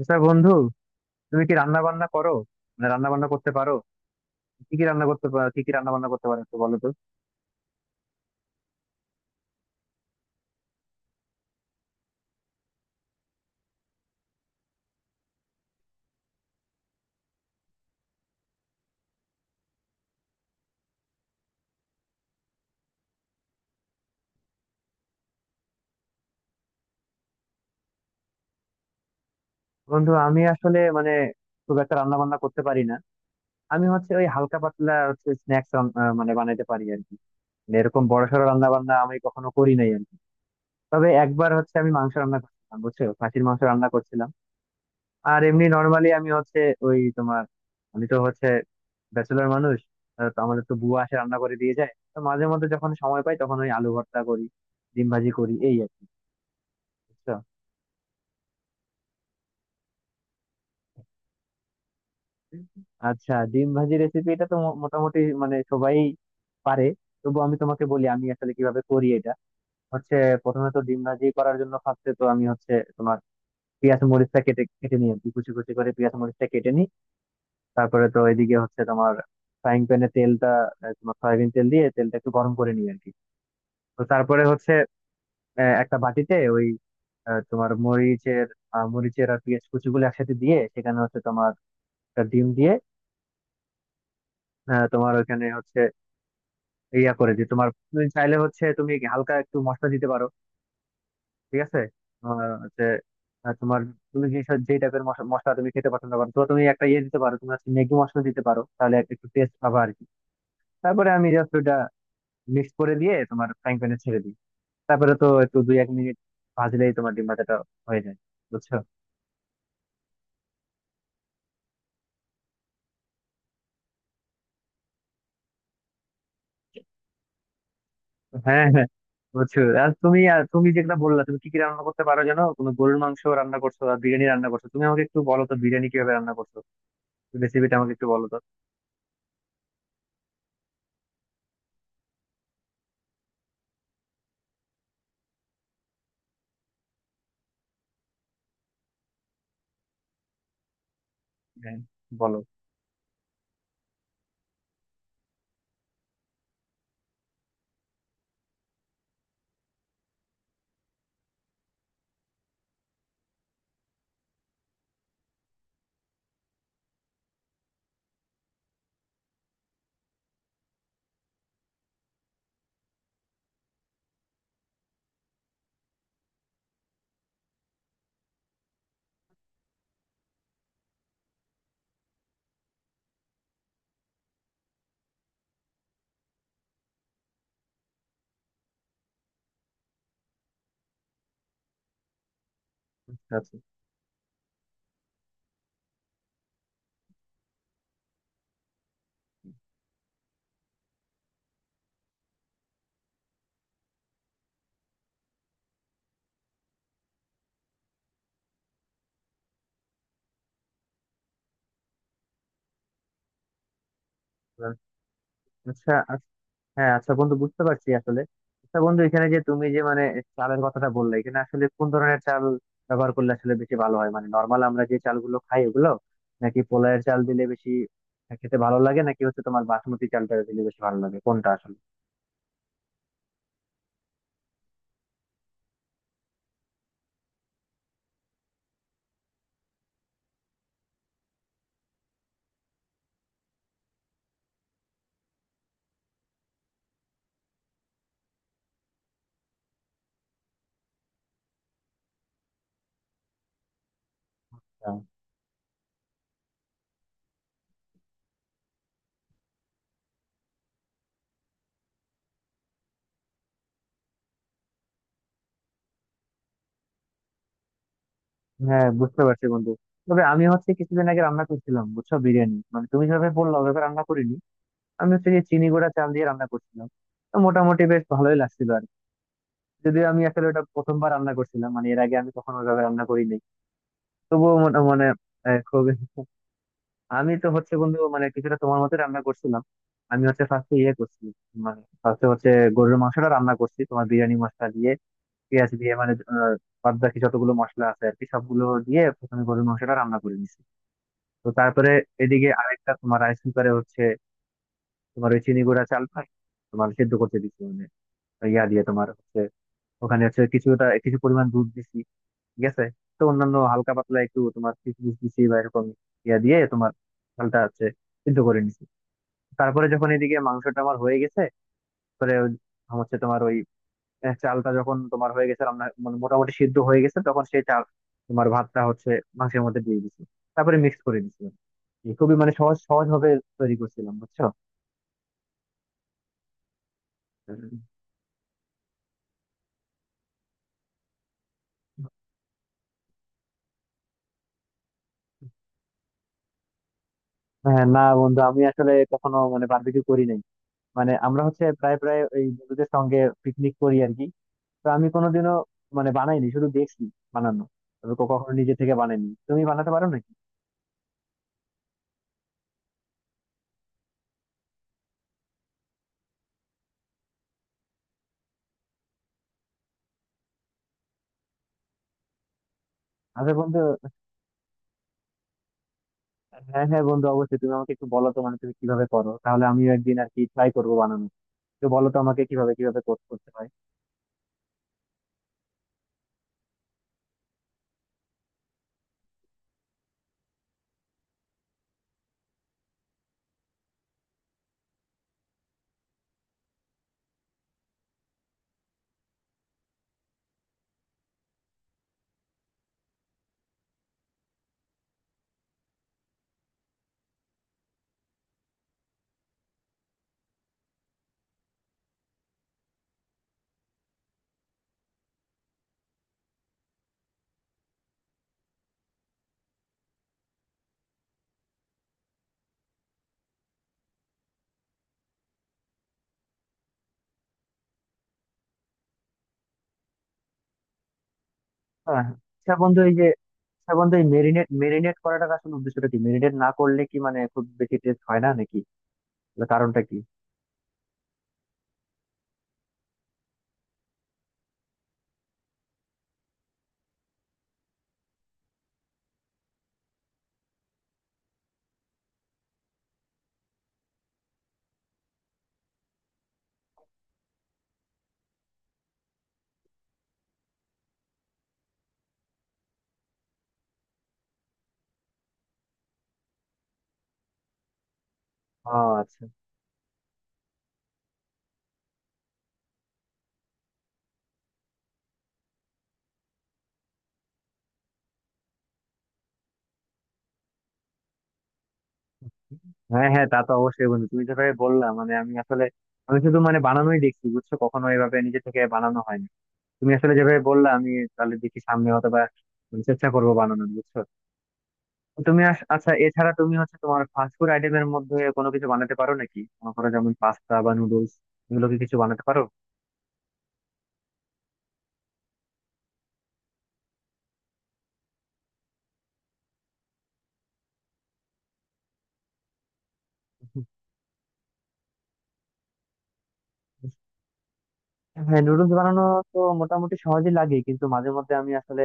আচ্ছা বন্ধু, তুমি কি রান্না বান্না করো? মানে রান্না বান্না করতে পারো? কি কি রান্না করতে পারো, কি কি রান্না বান্না করতে পারো একটু বলো তো। বন্ধু আমি আসলে মানে খুব একটা রান্না বান্না করতে পারি না। আমি হচ্ছে ওই হালকা পাতলা হচ্ছে স্ন্যাক্স মানে বানাইতে পারি আর কি। মানে এরকম বড়সড় রান্না বান্না আমি কখনো করি নাই আর কি। তবে একবার হচ্ছে আমি মাংস রান্না করছিলাম, বুঝছো, খাসির মাংস রান্না করছিলাম। আর এমনি নর্মালি আমি হচ্ছে ওই তোমার, আমি তো হচ্ছে ব্যাচেলর মানুষ, তো আমাদের তো বুয়া আসে রান্না করে দিয়ে যায়, তো মাঝে মধ্যে যখন সময় পাই তখন ওই আলু ভর্তা করি, ডিম ভাজি করি, এই আর কি। বুঝছো? আচ্ছা, ডিম ভাজি রেসিপি এটা তো মোটামুটি মানে সবাই পারে। তবু আমি তোমাকে বলি আমি আসলে কিভাবে করি এটা। হচ্ছে, প্রথমে তো ডিম ভাজি করার জন্য ফার্স্টে তো আমি হচ্ছে তোমার পেঁয়াজ মরিচটা কেটে কেটে নিই আর কি, কুচি কুচি করে পেঁয়াজ মরিচটা কেটে নিই। তারপরে তো এদিকে হচ্ছে তোমার ফ্রাইং প্যানে তেলটা তোমার সয়াবিন তেল দিয়ে তেলটা একটু গরম করে নিই আর কি। তো তারপরে হচ্ছে একটা বাটিতে ওই তোমার মরিচের মরিচের আর পেঁয়াজ কুচিগুলো একসাথে দিয়ে সেখানে হচ্ছে তোমার একটা ডিম দিয়ে তোমার ওখানে হচ্ছে ইয়া করে দিই তোমার। তুমি চাইলে হচ্ছে তুমি হালকা একটু মশলা দিতে পারো। ঠিক আছে? তোমার হচ্ছে তোমার তুমি যে যে টাইপের মশলা তুমি খেতে পছন্দ করো, তো তুমি একটা ইয়ে দিতে পারো, তুমি হচ্ছে ম্যাগি মশলা দিতে পারো, তাহলে একটু টেস্ট পাবা আর কি। তারপরে আমি জাস্ট ওটা মিক্স করে দিয়ে তোমার ফ্রাইং প্যানে ছেড়ে দিই। তারপরে তো একটু দুই এক মিনিট ভাজলেই তোমার ডিম ভাজাটা হয়ে যায়। বুঝছো? হ্যাঁ হ্যাঁ, বুঝছো, আর তুমি যেটা বললা, তুমি কি কি রান্না করতে পারো জানো, তুমি গরুর মাংস রান্না করছো আর বিরিয়ানি রান্না করছো, তুমি আমাকে একটু বলো তো বিরিয়ানি কিভাবে রান্না করছো, রেসিপিটা আমাকে একটু বলো তো। হ্যাঁ, বলো। আচ্ছা আচ্ছা। এবার- আচ্ছা আচ্ছা, হ্যাঁ আচ্ছা বন্ধু, বুঝতে পারছি আসলে। আচ্ছা বন্ধু, এখানে যে তুমি যে মানে চালের কথাটা বললে, এখানে আসলে কোন ধরনের চাল ব্যবহার করলে আসলে বেশি ভালো হয়? মানে নর্মাল আমরা যে চালগুলো খাই ওগুলো, নাকি পোলাওয়ের চাল দিলে বেশি খেতে ভালো লাগে, নাকি হচ্ছে তোমার বাসমতি চালটা দিলে বেশি ভালো লাগে, কোনটা আসলে? হ্যাঁ হ্যাঁ, বুঝতে পারছি বন্ধু। তবে আমি হচ্ছে কিছুদিন আগে রান্না করছিলাম, বুঝছো, বিরিয়ানি, মানে তুমি যেভাবে বললা ওভাবে রান্না করিনি। আমি হচ্ছে যে চিনি গুঁড়া চাল দিয়ে রান্না করছিলাম। তো মোটামুটি বেশ ভালোই লাগছিল। যদিও আমি আসলে ওটা প্রথমবার রান্না করছিলাম, মানে এর আগে আমি কখনো ওইভাবে রান্না করি নাই। তবুও মনে মানে খুবই আমি তো হচ্ছে বন্ধু মানে কিছুটা তোমার মতো রান্না করছিলাম। আমি হচ্ছে ফার্স্টে ইয়ে করছি, মানে ফার্স্টে হচ্ছে গরুর মাংসটা রান্না করছি তোমার বিরিয়ানি মশলা দিয়ে, পেঁয়াজ দিয়ে, মানে বাদ বাকি যতগুলো মশলা আছে আর কি সবগুলো দিয়ে প্রথমে গরুর মাংসটা রান্না করে নিছি। তো তারপরে এদিকে আরেকটা তোমার রাইস কুকারে হচ্ছে তোমার ওই চিনি গুঁড়া চালটা তোমার সেদ্ধ করতে দিচ্ছি, মানে ইয়া দিয়ে তোমার হচ্ছে ওখানে হচ্ছে কিছু পরিমাণ দুধ দিছি। ঠিক আছে? তো অন্যান্য হালকা পাতলা একটু তোমার কিশমিশ দিছি বা এরকম ইয়া দিয়ে তোমার ডালটা হচ্ছে সিদ্ধ করে নিছি। তারপরে যখন এদিকে মাংসটা আমার হয়ে গেছে, পরে হচ্ছে তোমার ওই চালটা যখন তোমার হয়ে গেছে রান্না, মানে মোটামুটি সিদ্ধ হয়ে গেছে, তখন সেই চাল তোমার ভাতটা হচ্ছে মাংসের মধ্যে দিয়ে দিছি, তারপরে মিক্স করে দিছি। এই খুবই মানে সহজ সহজ ভাবে তৈরি করছিলাম, বুঝছো। হ্যাঁ না বন্ধু, আমি আসলে কখনো মানে বারবিকিউ করি নাই। মানে আমরা হচ্ছে প্রায় প্রায় ওই বন্ধুদের সঙ্গে পিকনিক করি আর কি। তো আমি কোনোদিনও মানে বানাইনি, শুধু দেখছি বানানো। তবে কখনো নিজে থেকে বানাইনি। তুমি বানাতে পারো নাকি? আচ্ছা বন্ধু, হ্যাঁ হ্যাঁ বন্ধু, অবশ্যই। তুমি আমাকে একটু বলো তো মানে তুমি কিভাবে করো, তাহলে আমিও একদিন আর কি ট্রাই করবো বানানো। তো বলো তো আমাকে কিভাবে কিভাবে কর- করতে হয়। হ্যাঁ হ্যাঁ। আচ্ছা বন্ধু, এই যে আচ্ছা বন্ধু, এই মেরিনেট মেরিনেট করাটার আসলে উদ্দেশ্যটা কি? মেরিনেট না করলে কি মানে খুব বেশি টেস্ট হয় না নাকি? তাহলে কারণটা কি? ও, আচ্ছা। হ্যাঁ হ্যাঁ, তা তো অবশ্যই বন্ধু, তুমি যেভাবে বললা, মানে আমি আসলে আমি শুধু মানে বানানোই দেখছি, বুঝছো, কখনো এভাবে নিজে থেকে বানানো হয়নি। তুমি আসলে যেভাবে বললা আমি তাহলে দেখি সামনে হয়তো বা মানে চেষ্টা করবো বানানোর, বুঝছো। তো তুমি আচ্ছা, এছাড়া তুমি হচ্ছে তোমার ফাস্ট ফুড আইটেমের মধ্যে কোনো কিছু বানাতে পারো নাকি? মনে করো যেমন পাস্তা বা নুডলস, এগুলো কি কিছু বানাতে পারো? হ্যাঁ, নুডলস বানানো তো মোটামুটি সহজই লাগে, কিন্তু মাঝে মধ্যে আমি আসলে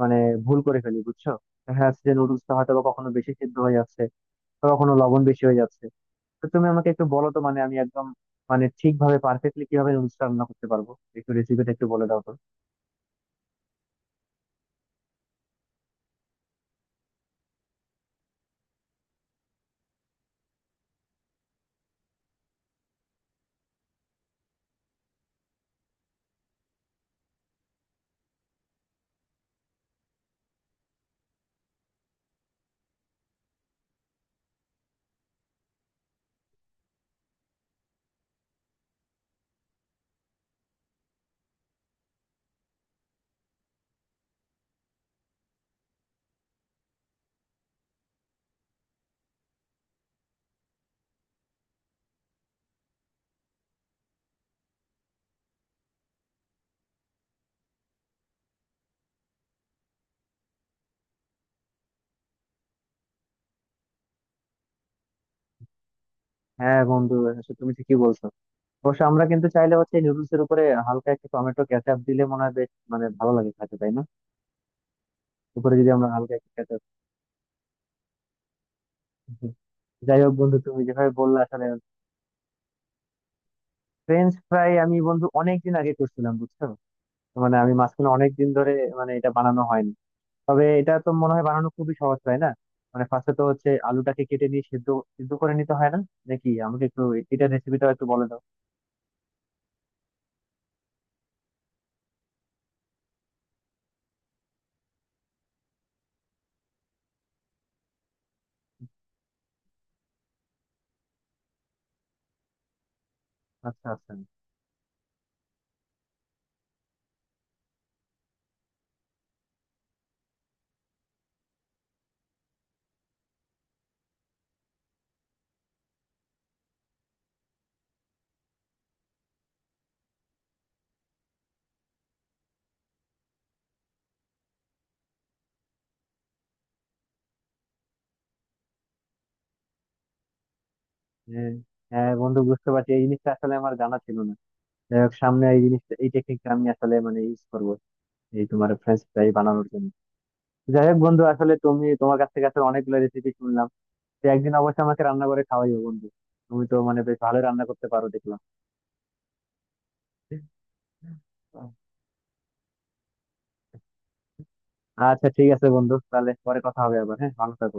মানে ভুল করে ফেলি, বুঝছো। দেখা যাচ্ছে যে নুডলসটা হয়তো বা কখনো বেশি সিদ্ধ হয়ে যাচ্ছে, বা কখনো লবণ বেশি হয়ে যাচ্ছে। তো তুমি আমাকে একটু বলো তো মানে আমি একদম মানে ঠিকভাবে পারফেক্টলি কিভাবে নুডলসটা রান্না করতে পারবো, একটু রেসিপিটা একটু বলে দাও তো। হ্যাঁ বন্ধু, আসলে তুমি ঠিকই বলছো। অবশ্য আমরা কিন্তু চাইলে হচ্ছে নুডলস এর উপরে হালকা একটু টমেটো কেচাপ দিলে মনে হয় বেশ মানে ভালো লাগে খেতে, তাই না? উপরে যদি আমরা হালকা একটু কেচাপ, যাই হোক বন্ধু তুমি যেভাবে বললে আসলে, ফ্রেঞ্চ ফ্রাই আমি বন্ধু অনেকদিন আগে করছিলাম, বুঝছো। তো মানে আমি মাঝখানে অনেকদিন ধরে মানে এটা বানানো হয়নি। তবে এটা তো মনে হয় বানানো খুবই সহজ, তাই না? মানে ফার্স্টে তো হচ্ছে আলুটাকে কেটে নিয়ে সিদ্ধ সিদ্ধ করে নিতে হয় না নাকি? আমাকে একটু এটা রেসিপিটা একটু বলে দাও। আচ্ছা আচ্ছা। হ্যাঁ হ্যাঁ বন্ধু, বুঝতে পারছি, এই জিনিসটা আসলে আমার জানা ছিল না। যাই হোক, সামনে এই জিনিসটা এই টেকনিকটা আমি আসলে মানে ইউজ করবো, এই তোমার ফ্রেঞ্চ ফ্রাই বানানোর জন্য। যাই হোক বন্ধু, আসলে তুমি তোমার কাছ থেকে আসলে অনেকগুলো রেসিপি শুনলাম। তো একদিন অবশ্যই আমাকে রান্না করে খাওয়াইও বন্ধু, তুমি তো মানে বেশ ভালো রান্না করতে পারো দেখলাম। আচ্ছা ঠিক আছে বন্ধু, তাহলে পরে কথা হবে আবার। হ্যাঁ, ভালো থাকো।